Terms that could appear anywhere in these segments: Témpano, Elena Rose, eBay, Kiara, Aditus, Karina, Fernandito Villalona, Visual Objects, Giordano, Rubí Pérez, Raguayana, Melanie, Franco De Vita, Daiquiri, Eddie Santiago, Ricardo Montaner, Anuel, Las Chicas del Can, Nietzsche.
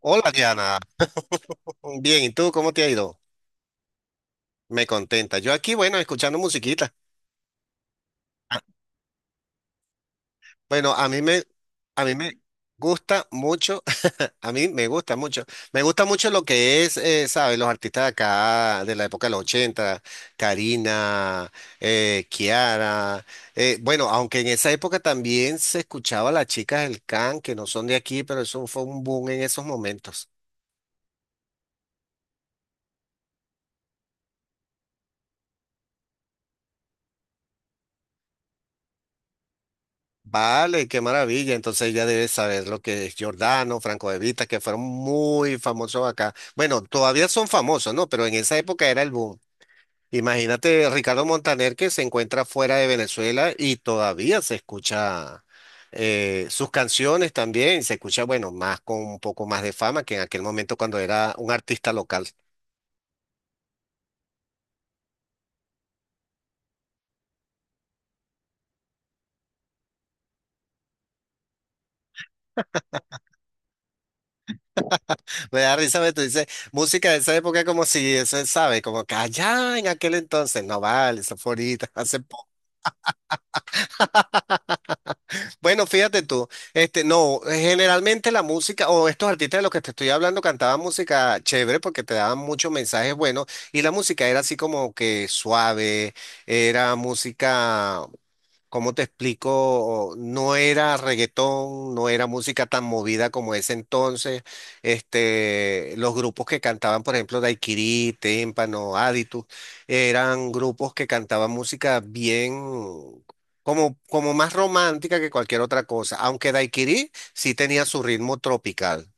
Hola Diana, bien, ¿y tú cómo te ha ido? Me contenta. Yo aquí, bueno, escuchando musiquita. Ah, Bueno, a mí me, a mí me gusta mucho, a mí me gusta mucho lo que es, ¿sabes? Los artistas de acá, de la época de los 80, Karina, Kiara. Bueno, aunque en esa época también se escuchaba a las chicas del can, que no son de aquí, pero eso fue un boom en esos momentos. Vale, qué maravilla. Entonces ya debes saber lo que es Giordano, Franco De Vita, que fueron muy famosos acá. Bueno, todavía son famosos, ¿no? Pero en esa época era el boom. Imagínate Ricardo Montaner, que se encuentra fuera de Venezuela y todavía se escucha, sus canciones también. Se escucha, bueno, más con un poco más de fama que en aquel momento cuando era un artista local. Me da risa, tú dices, música de esa época como si eso, ¿sabes? Como que allá en aquel entonces, no vale, eso fue ahorita, hace... Bueno, fíjate tú, este, no, generalmente la música o estos artistas de los que te estoy hablando cantaban música chévere porque te daban muchos mensajes buenos y la música era así como que suave, era música... ¿Cómo te explico? No era reggaetón, no era música tan movida como ese entonces. Este, los grupos que cantaban, por ejemplo, Daiquiri, Témpano, Aditus, eran grupos que cantaban música bien, como, como más romántica que cualquier otra cosa. Aunque Daiquiri sí tenía su ritmo tropical.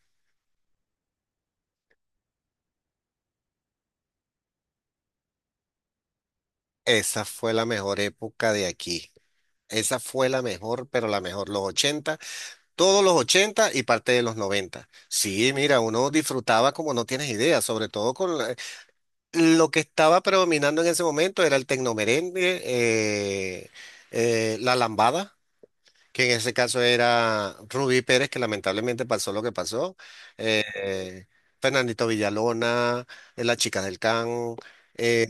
Esa fue la mejor época de aquí. Esa fue la mejor, pero la mejor, los 80. Todos los 80 y parte de los 90. Sí, mira, uno disfrutaba como no tienes idea, sobre todo con la- lo que estaba predominando en ese momento era el tecnomerengue, la lambada, que en ese caso era Rubí Pérez, que lamentablemente pasó lo que pasó, eh, eh, Fernandito Villalona, las chicas del Can, eh,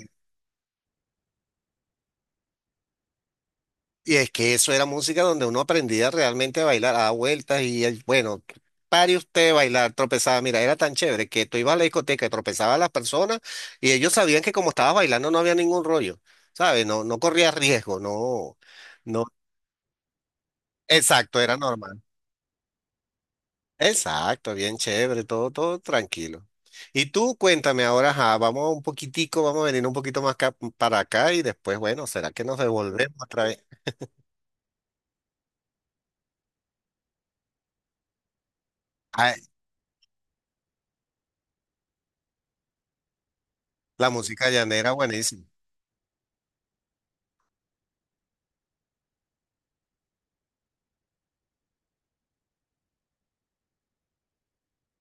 y es que eso era música donde uno aprendía realmente a bailar, a dar vueltas y el- bueno, pare usted de bailar, tropezaba, mira, era tan chévere que tú ibas a la discoteca y tropezabas a las personas y ellos sabían que como estabas bailando no había ningún rollo, ¿sabes? No, no corrías riesgo, no, no, exacto, era normal. Exacto, bien chévere, todo, todo tranquilo. Y tú cuéntame ahora, ajá, vamos un poquitico, vamos a venir un poquito más acá- para acá y después, bueno, ¿será que nos devolvemos otra vez? Ay, la música llanera, buenísima.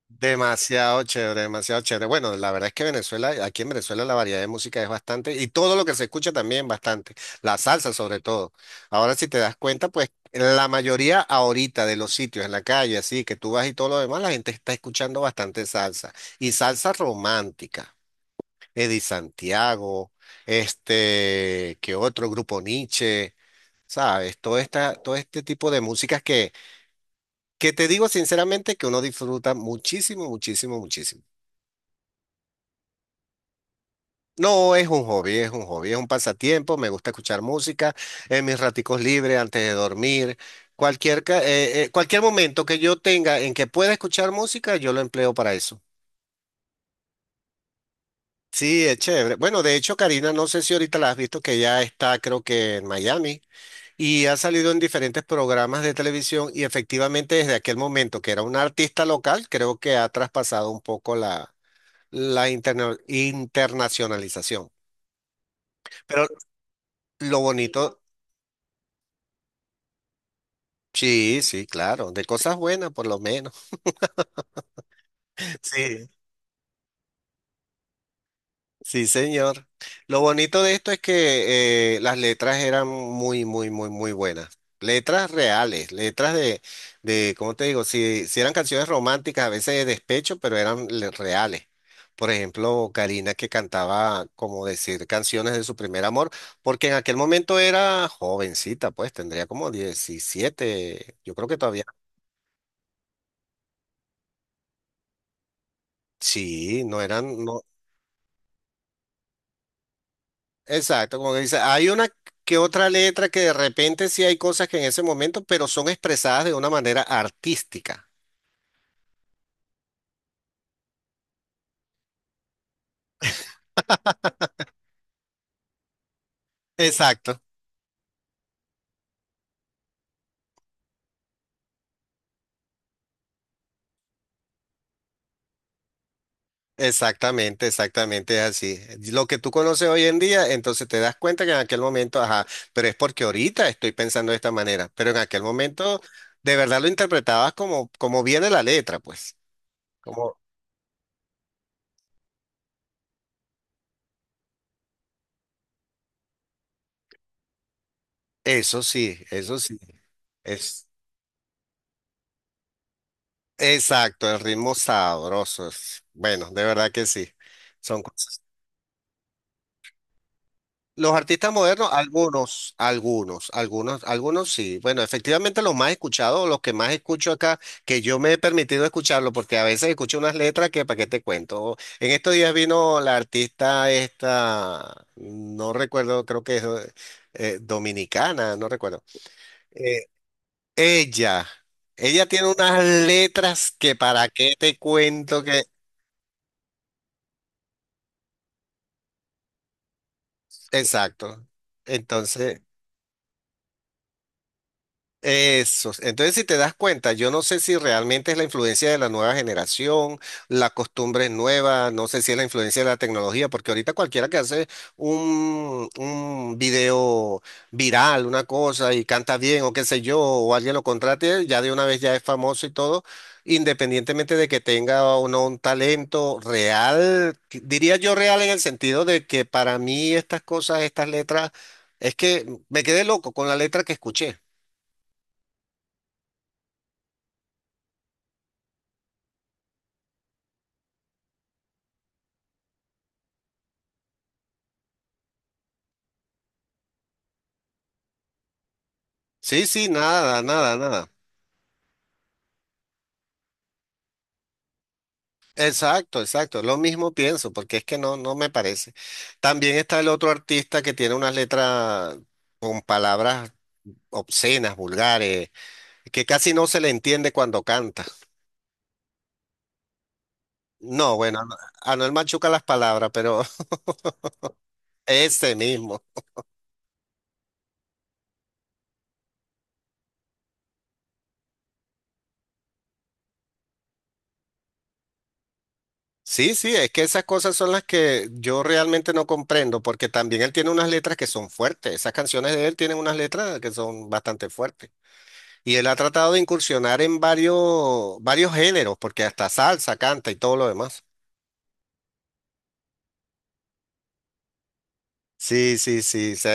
Demasiado chévere, demasiado chévere. Bueno, la verdad es que Venezuela, aquí en Venezuela la variedad de música es bastante y todo lo que se escucha también bastante, la salsa sobre todo. Ahora si te das cuenta, pues la mayoría ahorita de los sitios en la calle, así que tú vas y todo lo demás, la gente está escuchando bastante salsa y salsa romántica. Eddie Santiago, este, que otro grupo, Nietzsche, ¿sabes? Todo esta, todo este tipo de músicas que te digo sinceramente que uno disfruta muchísimo, muchísimo, muchísimo. No, es un hobby, es un hobby, es un pasatiempo, me gusta escuchar música en mis raticos libres antes de dormir. Cualquier, ca- cualquier momento que yo tenga en que pueda escuchar música, yo lo empleo para eso. Sí, es chévere. Bueno, de hecho, Karina, no sé si ahorita la has visto que ya está, creo que en Miami, y ha salido en diferentes programas de televisión y efectivamente desde aquel momento que era una artista local, creo que ha traspasado un poco la, la interna- internacionalización. Pero lo bonito... Sí, sí, claro, de cosas buenas por lo menos. Sí, sí, señor. Lo bonito de esto es que las letras eran muy, muy, muy, muy buenas. Letras reales, letras de, ¿cómo te digo? Si, si eran canciones románticas, a veces de despecho, pero eran le- reales. Por ejemplo, Karina, que cantaba, como decir, canciones de su primer amor, porque en aquel momento era jovencita, pues tendría como 17, yo creo que todavía. Sí, no eran, no... Exacto, como que dice, hay una que otra letra que de repente sí hay cosas que en ese momento, pero son expresadas de una manera artística. Exacto, exactamente, exactamente es así. Lo que tú conoces hoy en día, entonces te das cuenta que en aquel momento, ajá, pero es porque ahorita estoy pensando de esta manera, pero en aquel momento de verdad lo interpretabas como, como viene la letra, pues. Como, eso sí, es exacto, el ritmo sabroso. Es- Bueno, de verdad que sí. Son cosas. Los artistas modernos, algunos, algunos, algunos, algunos sí. Bueno, efectivamente los más escuchados, los que más escucho acá, que yo me he permitido escucharlo, porque a veces escucho unas letras que para qué te cuento. En estos días vino la artista esta, no recuerdo, creo que es dominicana, no recuerdo. Eh, ella, ella tiene unas letras que para qué te cuento que, exacto. Entonces... Eso. Entonces, si te das cuenta, yo no sé si realmente es la influencia de la nueva generación, la costumbre es nueva, no sé si es la influencia de la tecnología, porque ahorita cualquiera que hace un video viral, una cosa, y canta bien o qué sé yo, o alguien lo contrate, ya de una vez ya es famoso y todo, independientemente de que tenga o no un talento real, que- diría yo real en el sentido de que para mí estas cosas, estas letras, es que me quedé loco con la letra que escuché. Sí, sí, nada, nada, nada. Exacto, exacto. Lo mismo pienso, porque es que no, no me parece. También está el otro artista que tiene unas letras con palabras obscenas, vulgares, que casi no se le entiende cuando canta. No, bueno, a Anuel machuca las palabras, pero ese mismo. Sí, sí, es que esas cosas son las que yo realmente no comprendo, porque también él tiene unas letras que son fuertes. Esas canciones de él tienen unas letras que son bastante fuertes. Y él ha tratado de incursionar en varios, varios géneros, porque hasta salsa canta y todo lo demás. Sí, sí, sí, se,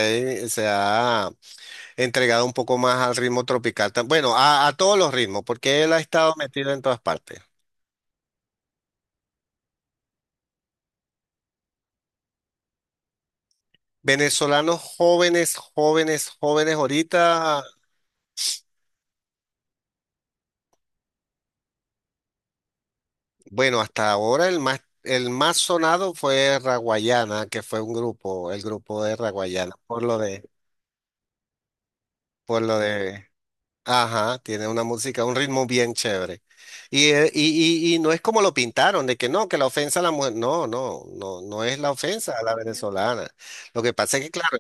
ha se ha entregado un poco más al ritmo tropical. Tam- Bueno, a todos los ritmos, porque él ha estado metido en todas partes. Venezolanos jóvenes, jóvenes, jóvenes, ahorita, bueno, hasta ahora el más sonado fue Raguayana, que fue un grupo, el grupo de Raguayana, por lo de, por lo de... Ajá, tiene una música, un ritmo bien chévere. Y no es como lo pintaron, de que no, que la ofensa a la mujer. No, no, no, no es la ofensa a la venezolana. Lo que pasa es que, claro,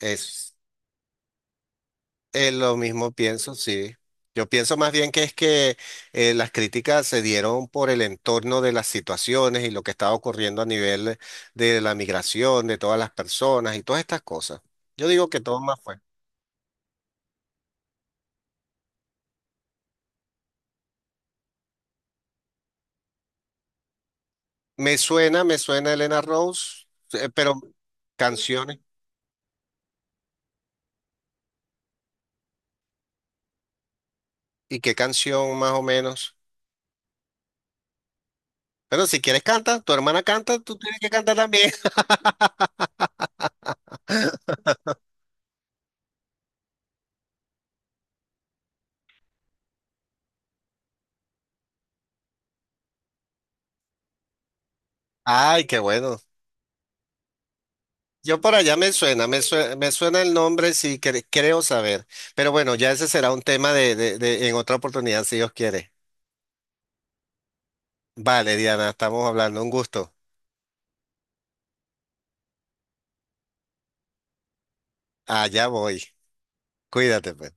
es lo mismo pienso, sí. Yo pienso más bien que es que las críticas se dieron por el entorno de las situaciones y lo que estaba ocurriendo a nivel de la migración, de todas las personas y todas estas cosas. Yo digo que todo más fue. Me suena Elena Rose, pero canciones. ¿Y qué canción más o menos? Bueno, si quieres canta, tu hermana canta, tú tienes que cantar también. Ay, qué bueno. Yo por allá me suena, me suena, me suena el nombre si cre- creo saber. Pero bueno, ya ese será un tema de- en otra oportunidad, si Dios quiere. Vale, Diana, estamos hablando, un gusto. Allá voy. Cuídate, pues.